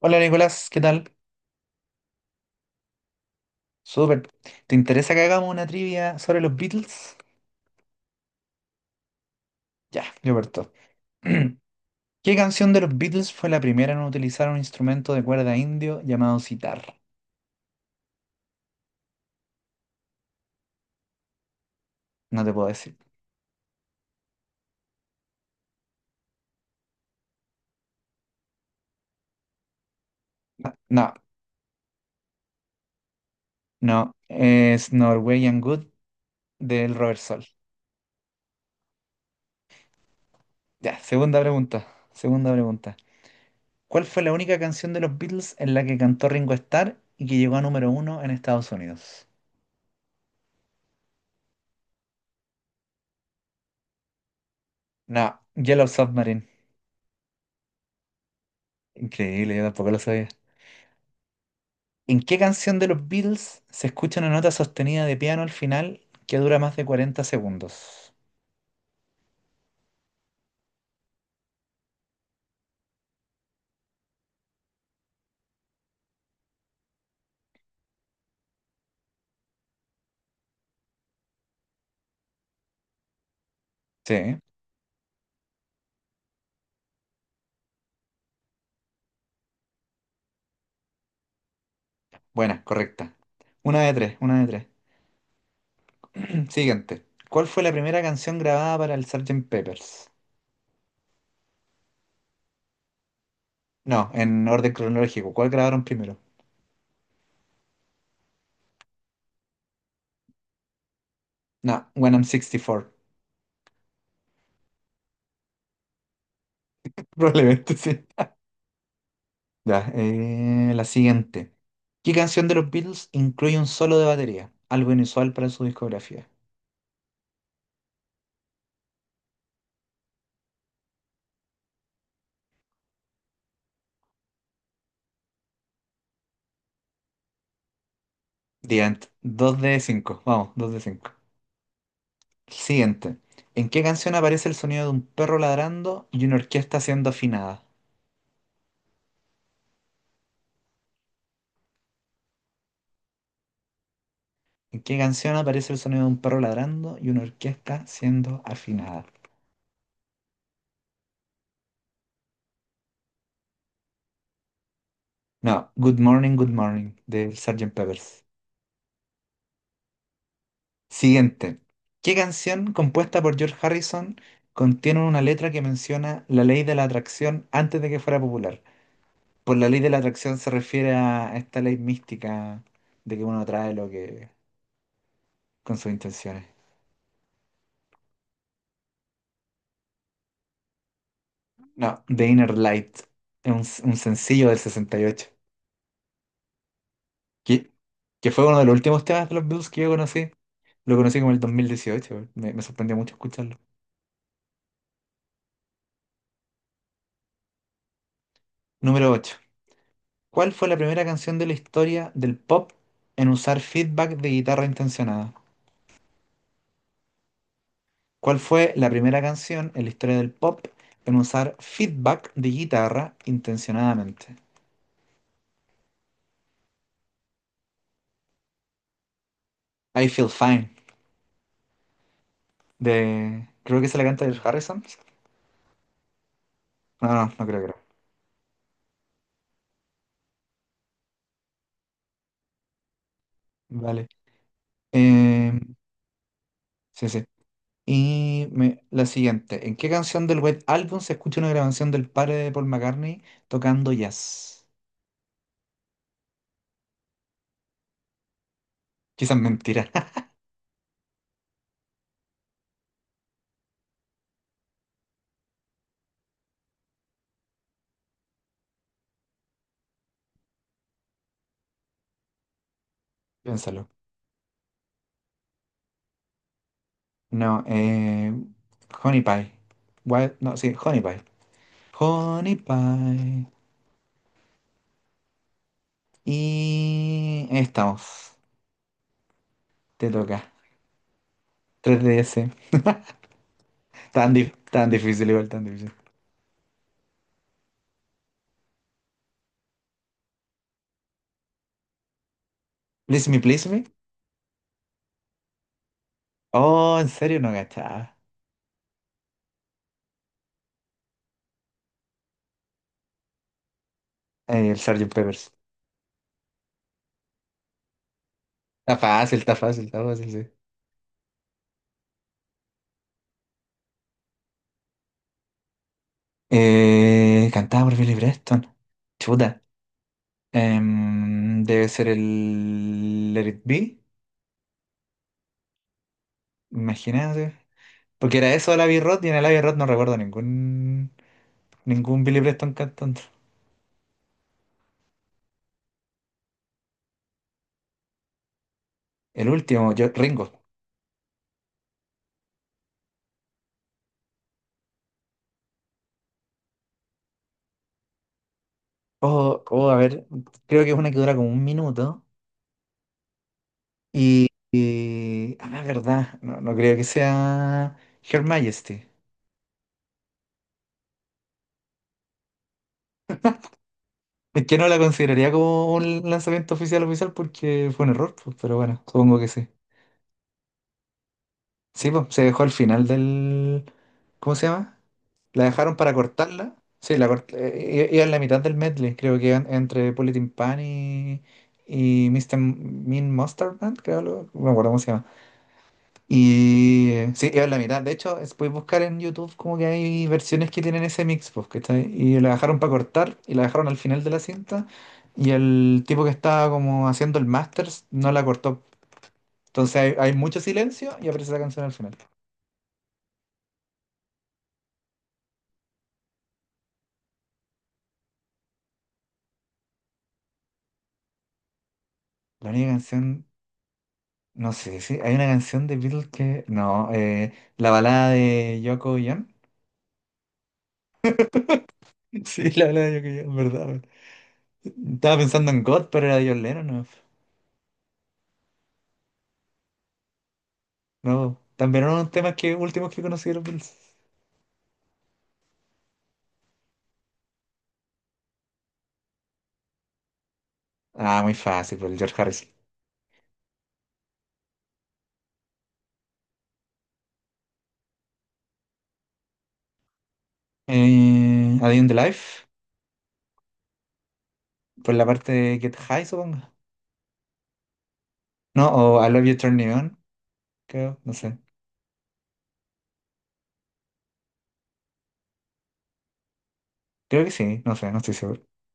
Hola Nicolás, ¿qué tal? Súper. ¿Te interesa que hagamos una trivia sobre los Beatles? Ya, yo parto. ¿Qué canción de los Beatles fue la primera en utilizar un instrumento de cuerda indio llamado sitar? No te puedo decir. No, no, no. Es Norwegian Wood del Robert Sol. Ya, segunda pregunta. Segunda pregunta. ¿Cuál fue la única canción de los Beatles en la que cantó Ringo Starr y que llegó a número uno en Estados Unidos? No, Yellow Submarine. Increíble, yo tampoco lo sabía. ¿En qué canción de los Beatles se escucha una nota sostenida de piano al final que dura más de 40 segundos? Sí, buena, correcta. Una de tres, una de tres. Siguiente. ¿Cuál fue la primera canción grabada para el Sgt. Peppers? No, en orden cronológico. ¿Cuál grabaron primero? No, When I'm 64. Probablemente sí. Ya, la siguiente. ¿Qué canción de los Beatles incluye un solo de batería? Algo inusual para su discografía. The End. 2 de 5. Vamos, 2 de 5. Siguiente. ¿En qué canción aparece el sonido de un perro ladrando y una orquesta siendo afinada? ¿En qué canción aparece el sonido de un perro ladrando y una orquesta siendo afinada? No, Good Morning, Good Morning, del Sgt. Peppers. Siguiente. ¿Qué canción compuesta por George Harrison contiene una letra que menciona la ley de la atracción antes de que fuera popular? Por la ley de la atracción se refiere a esta ley mística de que uno atrae lo que con sus intenciones. No, The Inner Light, es un sencillo del 68 que, que fue uno de los últimos temas de los Beatles que yo conocí. Lo conocí como el 2018, güey. Me sorprendió mucho escucharlo. Número ocho. ¿Cuál fue la primera canción de la historia del pop en usar feedback de guitarra intencionada? ¿Cuál fue la primera canción en la historia del pop en usar feedback de guitarra intencionadamente? I Feel Fine, de... Creo que se la canta el Harrison. No, no, no creo que era. Vale. Eh, sí, sí. Y la siguiente, ¿en qué canción del White Album se escucha una grabación del padre de Paul McCartney tocando jazz? Quizás mentira, piénsalo. No, Honey Pie. No, sí, Honey Pie. Honey Pie. Y ahí estamos. Te toca. 3DS. Tan difícil, igual tan difícil. Please me, please me. Oh, en serio, no gachaba. El Sgt. Peppers. Está fácil, está fácil, está fácil, sí. Cantada por Billy Preston. Chuta. Debe ser el Let It Be, imagínate. Porque era eso de Abbey Road y en el Abbey Road no recuerdo ningún Billy Preston cantando. El último, yo, Ringo. Oh, oh, a ver, creo que es una que dura como un minuto. Ah, verdad, no creo que sea Her Majesty. Es que no la consideraría como un lanzamiento oficial oficial porque fue un error, pues, pero bueno, supongo que sí. Sí, pues, se dejó al final del... ¿Cómo se llama? La dejaron para cortarla. Sí, iba en la mitad del medley, creo que iban entre Politin Pan y Mister Mean Monster Band, creo, no me acuerdo cómo se llama. Y sí, iba en la mitad. De hecho, puedes buscar en YouTube como que hay versiones que tienen ese mix, pues, ¿cachai? Y la dejaron para cortar y la dejaron al final de la cinta. Y el tipo que estaba como haciendo el masters no la cortó. Entonces hay mucho silencio y aparece la canción al final. La única canción. No sé sí hay una canción de Beatles que. No, la balada de Yoko y John. Sí, la balada de Yoko y John, verdad. Verdad. Estaba pensando en God, pero era de John Lennon. No, no, también eran unos temas últimos que conocí de los Beatles. Ah, muy fácil, por el George Harrison. A Day in the Life, por la parte de Get High, supongo. No, o I Love You Turn Me On, creo, no sé. Creo que sí, no sé, no estoy seguro.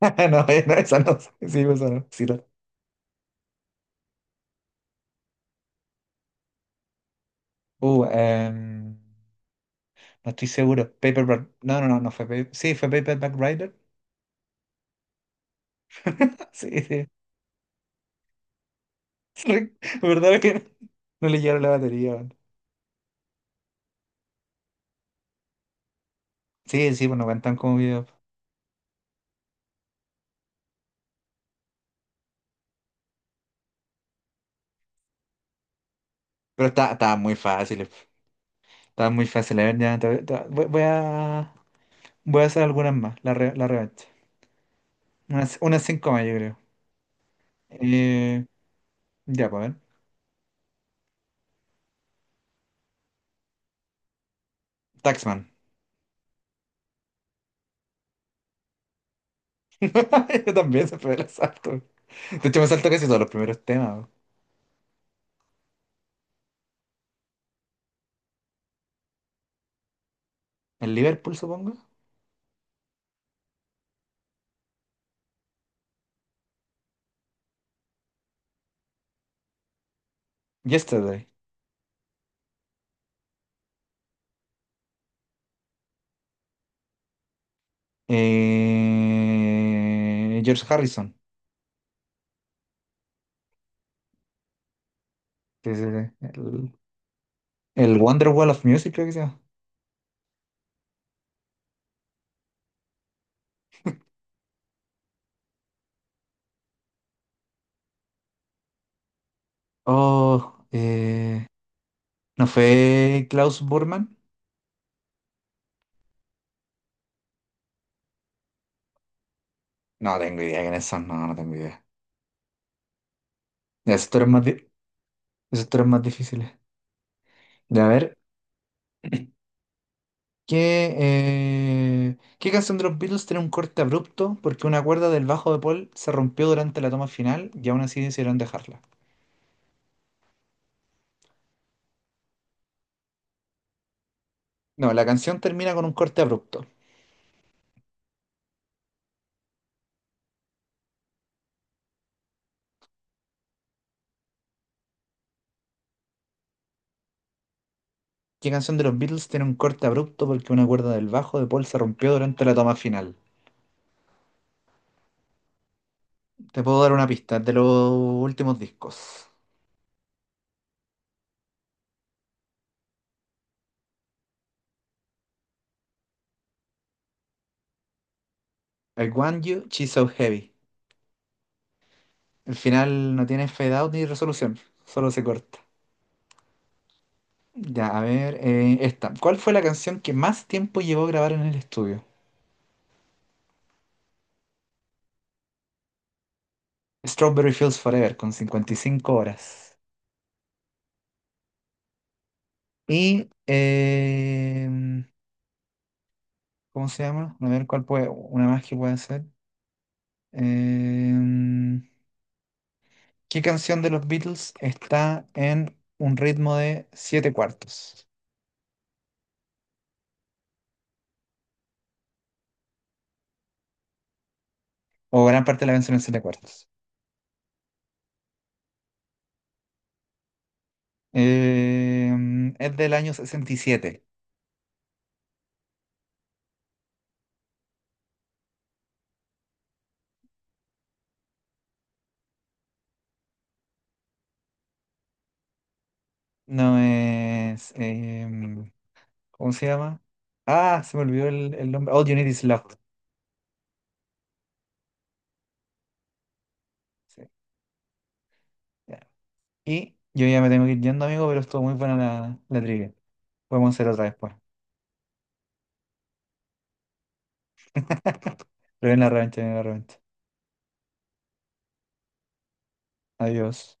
No, no, esa no, sí, no. Uh, em, No estoy seguro. Paperback. No, no, no, no fue Sí, fue Paperback rider. Sí, sí. Re- ¿Verdad que no le llevaron la batería? Weón. Sí, sí, pues no cuentan como videos. Pero estaba muy fácil. Estaba muy fácil. A ver, ya, voy a hacer algunas más. La revancha. Unas cinco más, yo creo. Eh, ya, pues a ver. Taxman. Yo también se fue el asalto. De hecho, me salto casi todos los primeros temas. Weón. El Liverpool, supongo. Yesterday. George Harrison. Sí, sí, sí. El Wonder Wall of Music, creo que se llama. Oh, ¿no fue Klaus Burman? No tengo idea quiénes son, no tengo idea. Ya, esos tres más difíciles. De A ver, ¿qué canción de los Beatles tiene un corte abrupto porque una cuerda del bajo de Paul se rompió durante la toma final y aún así decidieron dejarla? No, la canción termina con un corte abrupto. ¿Qué canción de los Beatles tiene un corte abrupto porque una cuerda del bajo de Paul se rompió durante la toma final? Te puedo dar una pista de los últimos discos. I Want You, She's So Heavy. El final no tiene fade out ni resolución, solo se corta. Ya, a ver, esta. ¿Cuál fue la canción que más tiempo llevó a grabar en el estudio? Strawberry Fields Forever, con 55 horas. Y, ¿cómo se llama? A ver, ¿cuál puede, una más que puede ser? Eh, ¿Qué canción de los Beatles está en un ritmo de 7 cuartos? O gran parte de la canción en 7 cuartos. Es del año sesenta y siete. No es. ¿Cómo se llama? Ah, se me olvidó el nombre. All You Need Is Love. Sí, ya. Y yo ya me tengo que ir yendo, amigo, pero estuvo muy buena la trivia. Podemos hacer otra después. Pero en la revancha, en la revancha. Adiós.